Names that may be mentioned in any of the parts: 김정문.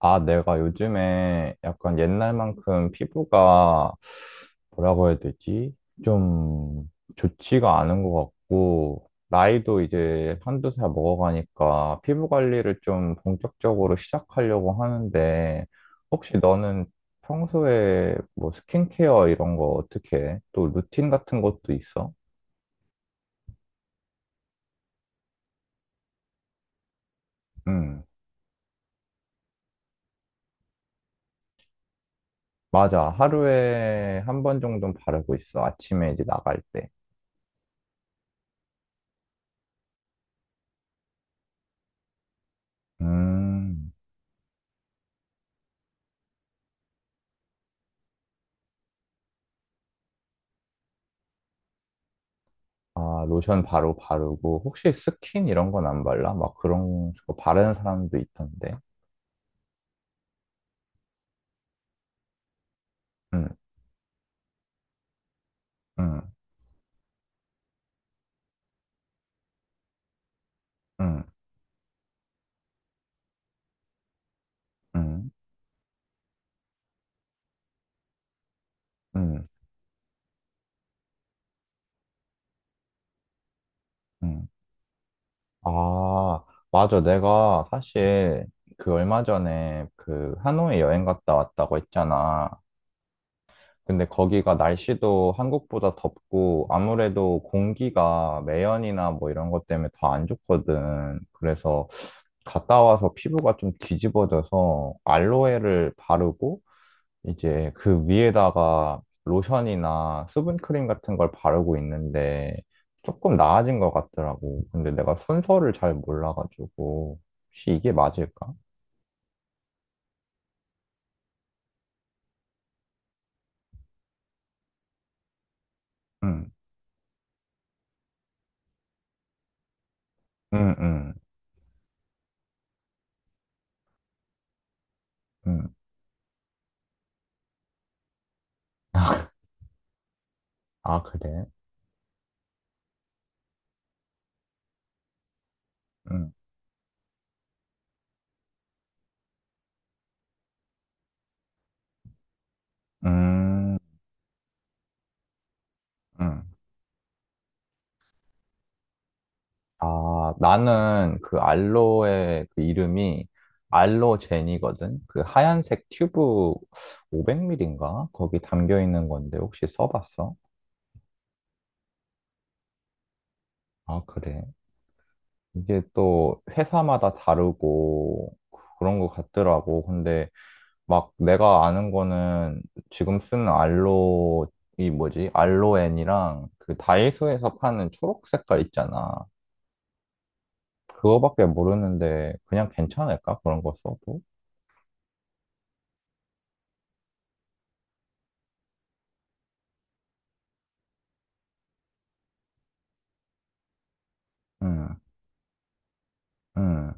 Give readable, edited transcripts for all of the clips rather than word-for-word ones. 아, 내가 요즘에 약간 옛날만큼 피부가 뭐라고 해야 되지? 좀 좋지가 않은 것 같고, 나이도 이제 한두 살 먹어가니까 피부 관리를 좀 본격적으로 시작하려고 하는데, 혹시 너는 평소에 뭐 스킨케어 이런 거 어떻게 해? 또 루틴 같은 것도 있어? 응, 맞아. 하루에 한 번 정도는 바르고 있어. 아침에 이제 나갈 때. 음. 아, 로션 바로 바르고, 혹시 스킨 이런 건 안 발라? 막 그런 거 바르는 사람도 있던데. 응, 응, 응, 응, 응, 응. 아, 맞아. 내가 사실 그 얼마 전에 그 하노이 여행 갔다 왔다고 했잖아. 근데 거기가 날씨도 한국보다 덥고, 아무래도 공기가 매연이나 뭐 이런 것 때문에 더 안 좋거든. 그래서 갔다 와서 피부가 좀 뒤집어져서 알로에를 바르고, 이제 그 위에다가 로션이나 수분크림 같은 걸 바르고 있는데 조금 나아진 것 같더라고. 근데 내가 순서를 잘 몰라가지고 혹시 이게 맞을까? 응, 응, 응, 응. 아, 그래? 응, 음, 응. 아, 나는 그 알로에 그 이름이 알로제니거든? 그 하얀색 튜브 500ml인가? 거기 담겨 있는 건데 혹시 써봤어? 아, 그래? 이게 또 회사마다 다르고 그런 것 같더라고. 근데 막 내가 아는 거는 지금 쓰는 알로, 이 뭐지? 알로엔이랑 그 다이소에서 파는 초록 색깔 있잖아. 그거밖에 모르는데 그냥 괜찮을까? 그런 거 써도? 응, 응,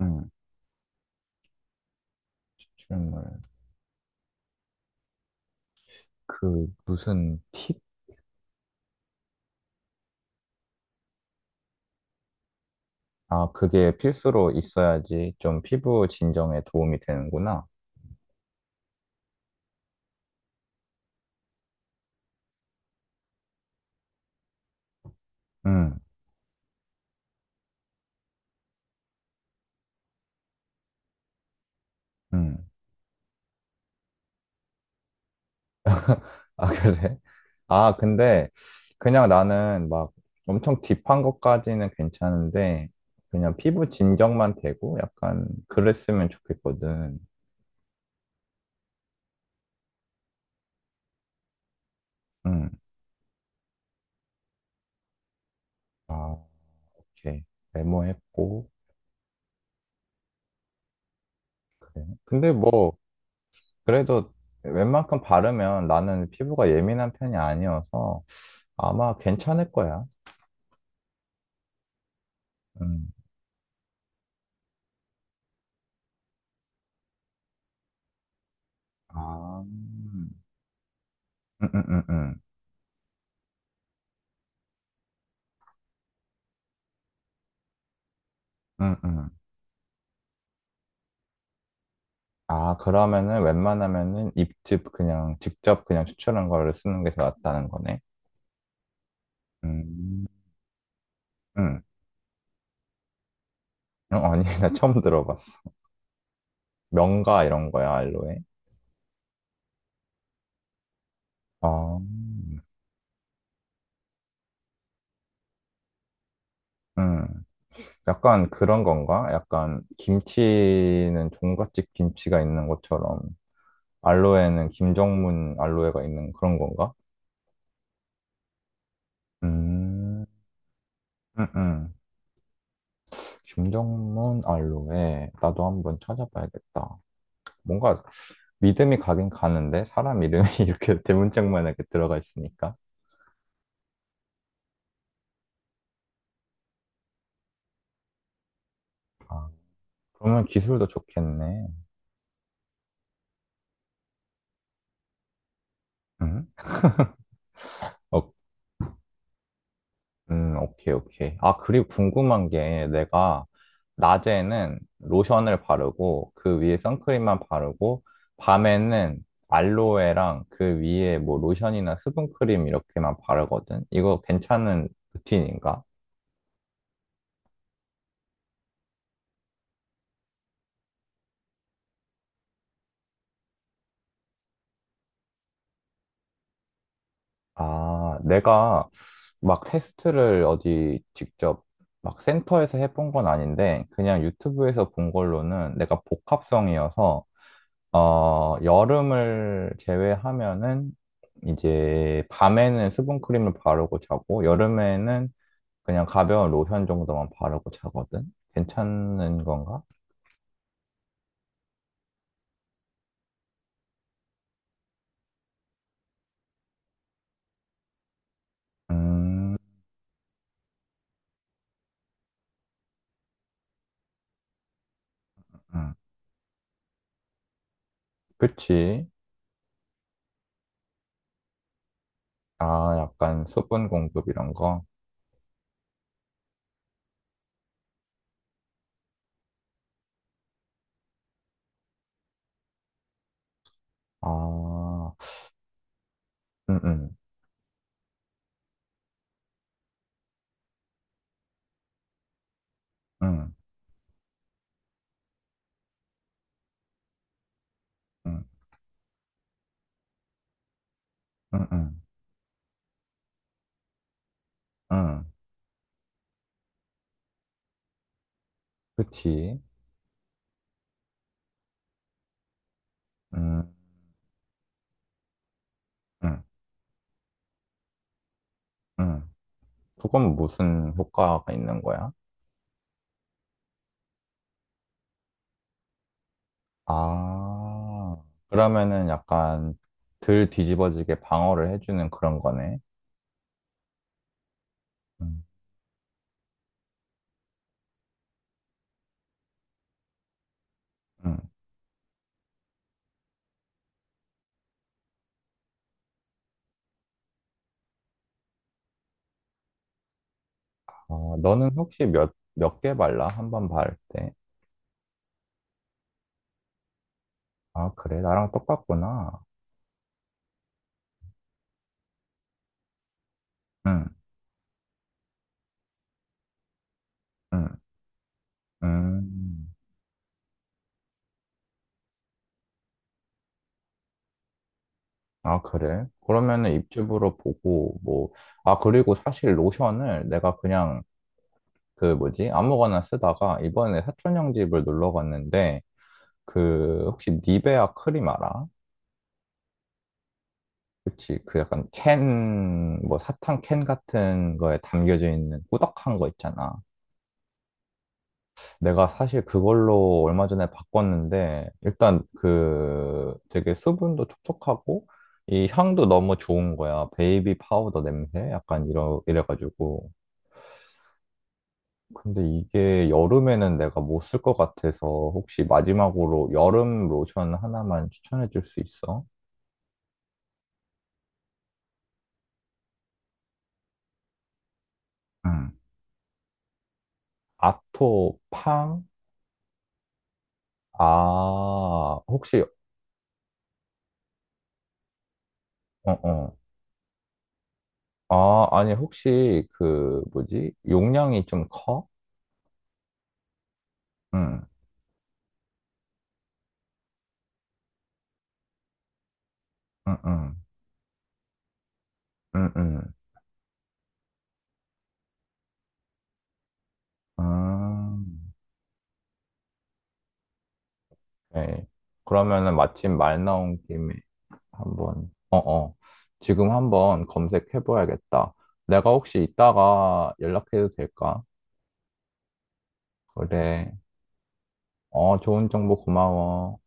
응. 질문. 그 무슨 팁? 아, 그게 필수로 있어야지 좀 피부 진정에 도움이 되는구나. 응, 응. 아, 그래? 아, 근데 그냥 나는 막 엄청 딥한 것까지는 괜찮은데 그냥 피부 진정만 되고 약간 그랬으면 좋겠거든. 응. 아, 오케이. 메모했고. 그래. 근데 뭐 그래도 웬만큼 바르면 나는 피부가 예민한 편이 아니어서 아마 괜찮을 거야. 응. 아. 응, 응, 응, 응. 응, 응. 아, 그러면은 웬만하면은 입즙 그냥 직접 그냥 추출한 거를 쓰는 게 더 낫다는 거네. 음, 음. 어, 아니, 나 처음 들어봤어. 명가 이런 거야, 알로에? 아, 음. 약간 그런 건가? 약간 김치는 종갓집 김치가 있는 것처럼 알로에는 김정문 알로에가 있는 그런 건가? 음, 음, 음. 김정문 알로에. 나도 한번 찾아봐야겠다. 뭔가 믿음이 가긴 가는데 사람 이름이 이렇게 대문짝만 이렇게 들어가 있으니까. 아, 그러면 기술도 좋겠네. 응? 오케이, 오케이. 아, 그리고 궁금한 게 내가 낮에는 로션을 바르고 그 위에 선크림만 바르고 밤에는 알로에랑 그 위에 뭐 로션이나 수분크림 이렇게만 바르거든? 이거 괜찮은 루틴인가? 아, 내가 막 테스트를 어디 직접 막 센터에서 해본 건 아닌데 그냥 유튜브에서 본 걸로는 내가 복합성이어서 어, 여름을 제외하면은 이제 밤에는 수분크림을 바르고 자고 여름에는 그냥 가벼운 로션 정도만 바르고 자거든. 괜찮은 건가? 음, 음. 그치. 아, 약간 수분 공급 이런 거. 아, 음, 음, 음, 음, 음, 음, 음. 그치. 음, 음, 음. 그건 무슨 효과가 있는 거야? 아, 그러면은 약간 덜 뒤집어지게 방어를 해주는 그런 거네. 음, 음. 아, 너는 혹시 몇 개 발라? 한 번 바를 때. 아, 그래? 나랑 똑같구나. 응, 응, 음. 아, 그래? 그러면은 입주부로 보고, 뭐, 아, 그리고 사실 로션을 내가 그냥 그 뭐지? 아무거나 쓰다가 이번에 사촌 형 집을 놀러 갔는데, 그, 혹시 니베아 크림 알아? 그치. 그 약간 캔, 뭐 사탕 캔 같은 거에 담겨져 있는 꾸덕한 거 있잖아. 내가 사실 그걸로 얼마 전에 바꿨는데, 일단 그 되게 수분도 촉촉하고, 이 향도 너무 좋은 거야. 베이비 파우더 냄새? 약간 이래가지고. 근데 이게 여름에는 내가 못 쓸 것 같아서 혹시 마지막으로 여름 로션 하나만 추천해 줄 수 있어? 응. 아토팡? 아, 혹시, 어, 어. 아, 아니, 혹시, 그, 뭐지? 용량이 좀 커? 응, 응, 응, 응, 응. 아, 네. 그러면은 마침 말 나온 김에 한번, 어, 어. 지금 한번 검색해봐야겠다. 내가 혹시 이따가 연락해도 될까? 그래. 어, 좋은 정보 고마워.